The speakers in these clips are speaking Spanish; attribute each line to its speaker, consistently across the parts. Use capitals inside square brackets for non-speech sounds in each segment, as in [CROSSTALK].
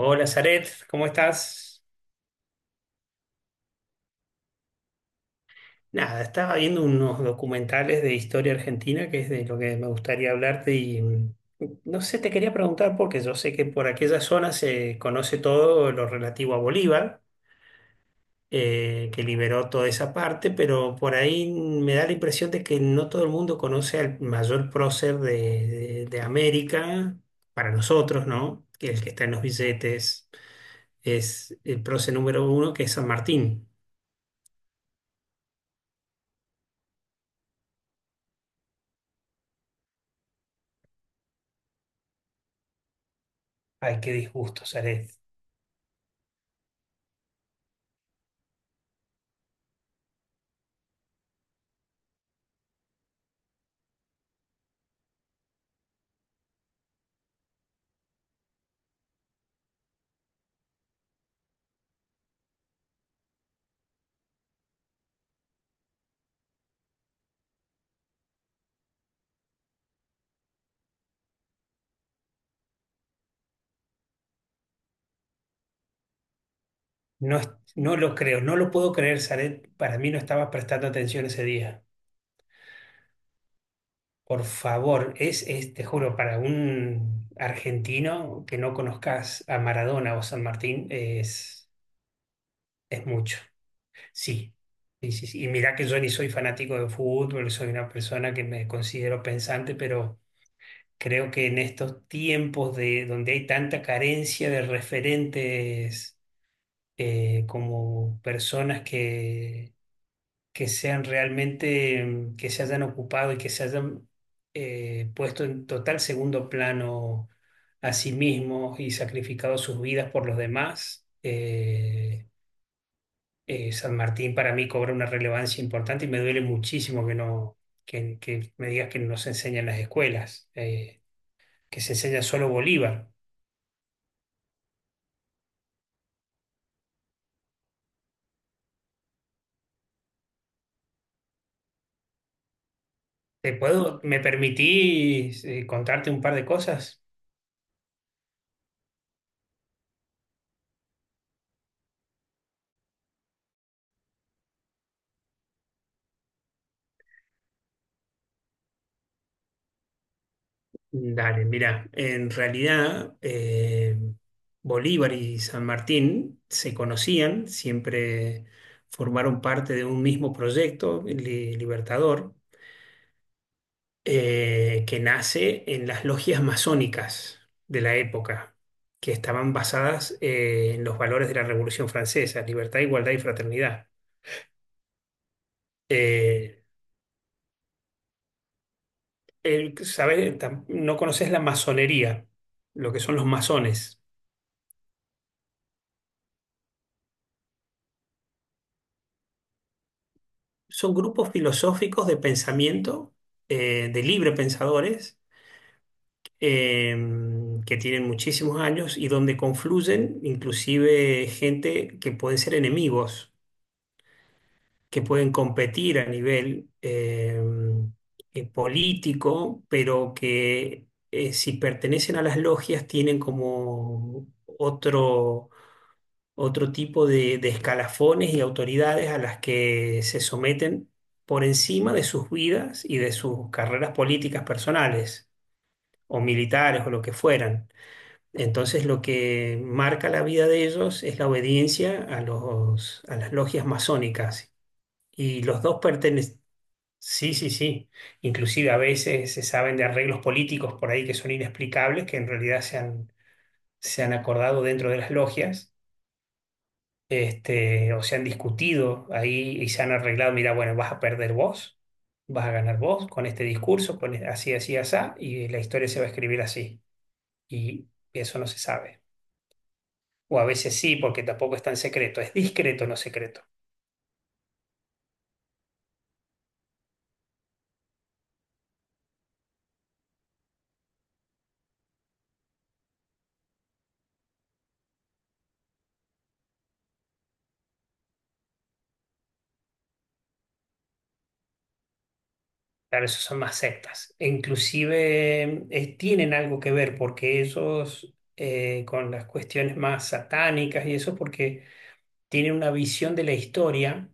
Speaker 1: Hola, Zaret, ¿cómo estás? Nada, estaba viendo unos documentales de historia argentina, que es de lo que me gustaría hablarte y no sé, te quería preguntar porque yo sé que por aquella zona se conoce todo lo relativo a Bolívar, que liberó toda esa parte, pero por ahí me da la impresión de que no todo el mundo conoce al mayor prócer de América, para nosotros, ¿no? Que es el que está en los billetes, es el prócer número uno, que es San Martín. Ay, qué disgusto, Zaret. No, es- no lo creo, no lo puedo creer, Zaret. Para mí no estaba prestando atención ese día. Por favor, te juro, para un argentino que no conozcas a Maradona o San Martín, es mucho. Sí, sí, sí. Sí. Y mirá que yo ni soy fanático de fútbol, soy una persona que me considero pensante, pero creo que en estos tiempos donde hay tanta carencia de referentes como personas que sean realmente, que se hayan ocupado y que se hayan puesto en total segundo plano a sí mismos y sacrificado sus vidas por los demás. San Martín para mí cobra una relevancia importante y me duele muchísimo que me digas que no se enseña en las escuelas, que se enseña solo Bolívar. ¿Te puedo, me permitís contarte un par de cosas? Dale, mira, en realidad Bolívar y San Martín se conocían, siempre formaron parte de un mismo proyecto, Libertador, que nace en las logias masónicas de la época, que estaban basadas en los valores de la Revolución Francesa, libertad, igualdad y fraternidad. Eh, ¿Sabes? No conoces la masonería, lo que son los masones. Son grupos filosóficos de pensamiento, de libre pensadores, eh, que tienen muchísimos años y donde confluyen inclusive gente que pueden ser enemigos, que pueden competir a nivel político, pero que si pertenecen a las logias tienen como otro otro tipo de escalafones y autoridades a las que se someten por encima de sus vidas y de sus carreras políticas personales o militares o lo que fueran. Entonces lo que marca la vida de ellos es la obediencia a a las logias masónicas. Y los dos pertenecen, sí, sí, sí. Inclusive a veces se saben de arreglos políticos por ahí que son inexplicables, que en realidad se han acordado dentro de las logias este, o se han discutido ahí y se han arreglado, mira, bueno, vas a perder vos, vas a ganar vos con este discurso, con así, así, así, y la historia se va a escribir así. Y eso no se sabe. O a veces sí, porque tampoco es tan secreto, es discreto, no secreto. Claro, esos son más sectas. E inclusive tienen algo que ver porque ellos, con las cuestiones más satánicas y eso, porque tienen una visión de la historia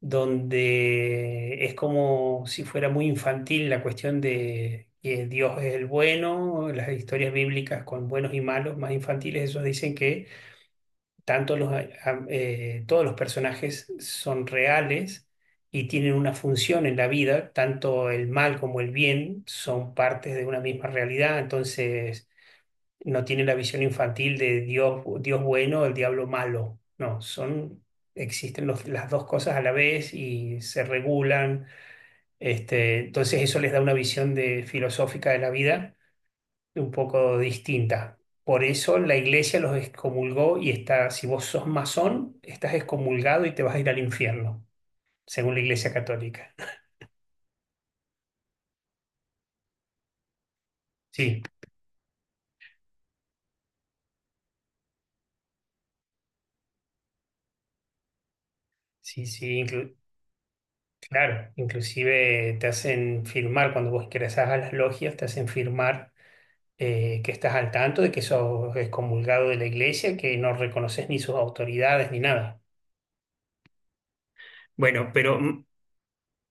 Speaker 1: donde es como si fuera muy infantil la cuestión de que Dios es el bueno, las historias bíblicas con buenos y malos, más infantiles, esos dicen que tanto todos los personajes son reales y tienen una función en la vida, tanto el mal como el bien son partes de una misma realidad, entonces no tiene la visión infantil de Dios, Dios bueno, el diablo malo. No, son, existen las dos cosas a la vez y se regulan. Este, entonces eso les da una visión filosófica de la vida un poco distinta. Por eso la iglesia los excomulgó y está, si vos sos masón, estás excomulgado y te vas a ir al infierno, según la iglesia católica. Sí, sí, sí, claro, inclusive te hacen firmar, cuando vos ingresás a las logias, te hacen firmar que estás al tanto de que sos excomulgado de la iglesia, que no reconoces ni sus autoridades ni nada. Bueno, pero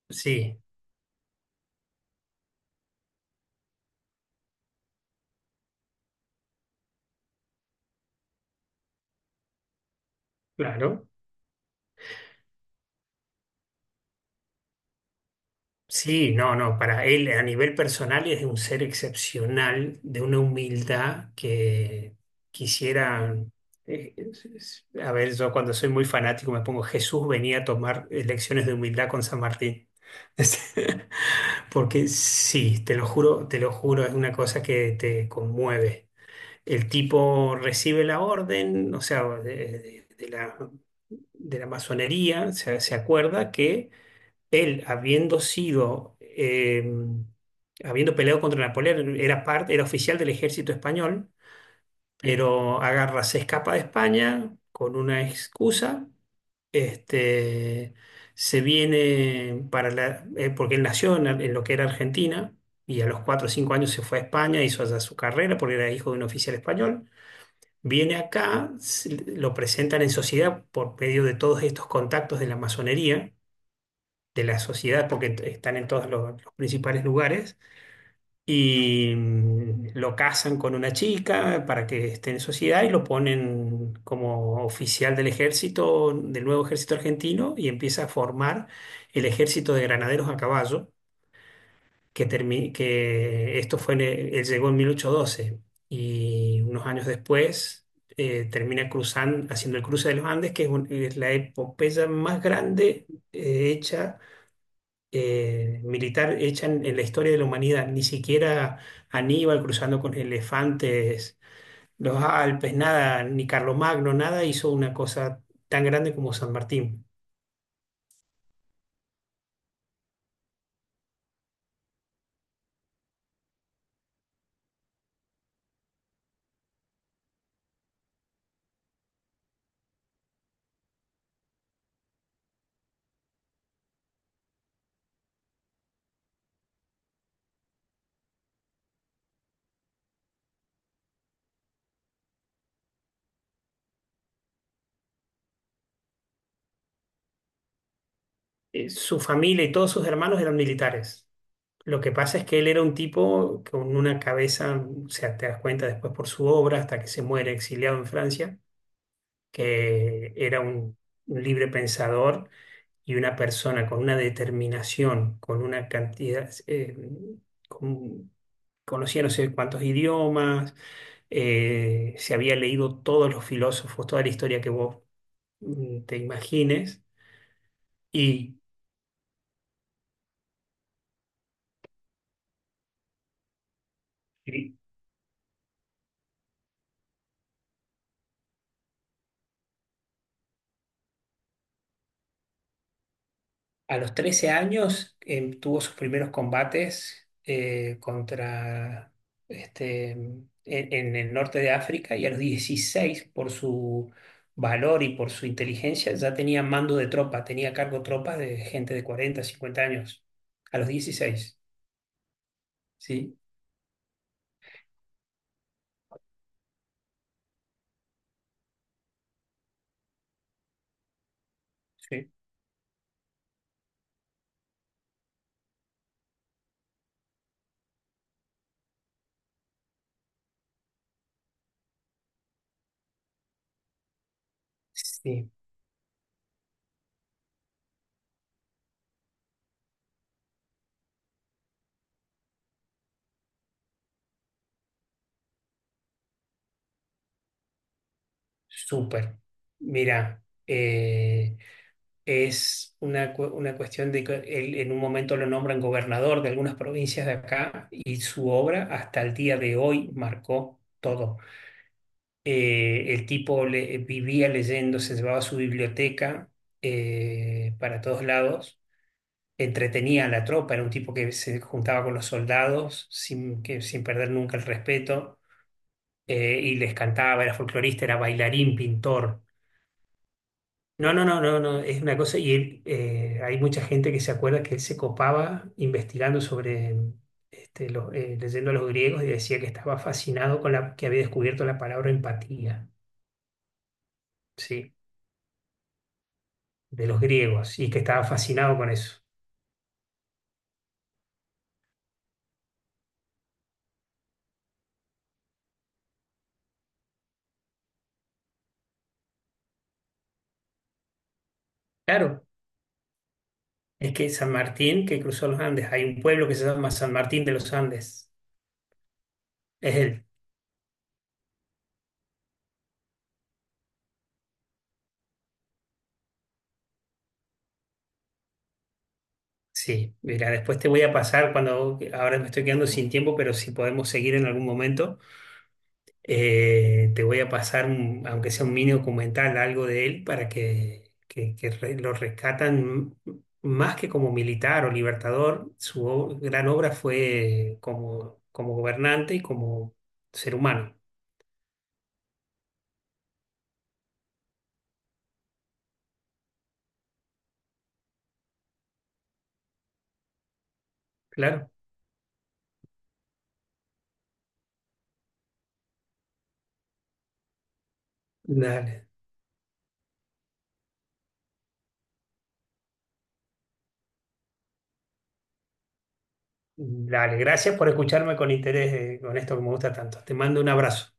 Speaker 1: sí, claro. Sí, no, no, para él a nivel personal es un ser excepcional, de una humildad que quisiera... A ver, yo cuando soy muy fanático me pongo, Jesús venía a tomar lecciones de humildad con San Martín. [LAUGHS] Porque sí, te lo juro, es una cosa que te conmueve. El tipo recibe la orden, o sea, de la masonería, se acuerda que él, habiendo sido, habiendo peleado contra Napoleón, era parte, era oficial del ejército español. Mm. Pero agarra, se escapa de España con una excusa, este, se viene para la, porque él nació en lo que era Argentina. Y a los 4 o 5 años se fue a España, hizo allá su carrera porque era hijo de un oficial español. Viene acá, lo presentan en sociedad por medio de todos estos contactos de la masonería, de la sociedad, porque están en todos los principales lugares, y lo casan con una chica para que esté en sociedad y lo ponen como oficial del ejército, del nuevo ejército argentino, y empieza a formar el ejército de granaderos a caballo que esto fue, él llegó en 1812 y unos años después termina cruzando, haciendo el cruce de los Andes, que es, es la epopeya más grande eh, hecha, militar, hecha en la historia de la humanidad. Ni siquiera Aníbal cruzando con elefantes, los Alpes, nada, ni Carlomagno, nada hizo una cosa tan grande como San Martín. Su familia y todos sus hermanos eran militares. Lo que pasa es que él era un tipo con una cabeza, o sea, te das cuenta después por su obra, hasta que se muere exiliado en Francia, que era un libre pensador y una persona con una determinación, con una cantidad, con- conocía no sé cuántos idiomas, se había leído todos los filósofos, toda la historia que vos te imagines, y a los 13 años tuvo sus primeros combates contra este, en el norte de África y a los 16 por su valor y por su inteligencia, ya tenía mando de tropa, tenía a cargo tropas de gente de 40 50 años. A los dieciséis. Sí, sí. Sí, súper. Mira, es una, una cuestión de que él en un momento lo nombran gobernador de algunas provincias de acá y su obra hasta el día de hoy marcó todo. El tipo vivía leyendo, se llevaba su biblioteca para todos lados, entretenía a la tropa, era un tipo que se juntaba con los soldados sin perder nunca el respeto y les cantaba, era folclorista, era bailarín, pintor. No, no, no, no, no, es una cosa, y él, hay mucha gente que se acuerda que él se copaba investigando sobre, leyendo a los griegos y decía que estaba fascinado con la, que había descubierto la palabra empatía, ¿sí? De los griegos, y que estaba fascinado con eso. Claro, es que San Martín, que cruzó los Andes, hay un pueblo que se llama San Martín de los Andes, es él. Sí, mira, después te voy a pasar cuando, ahora me estoy quedando sin tiempo, pero si podemos seguir en algún momento. Te voy a pasar, aunque sea un mini documental, algo de él para que, lo rescatan más que como militar o libertador. Su gran obra fue como, como gobernante y como ser humano. Claro. Dale. Dale. Gracias por escucharme con interés, con esto que me gusta tanto. Te mando un abrazo.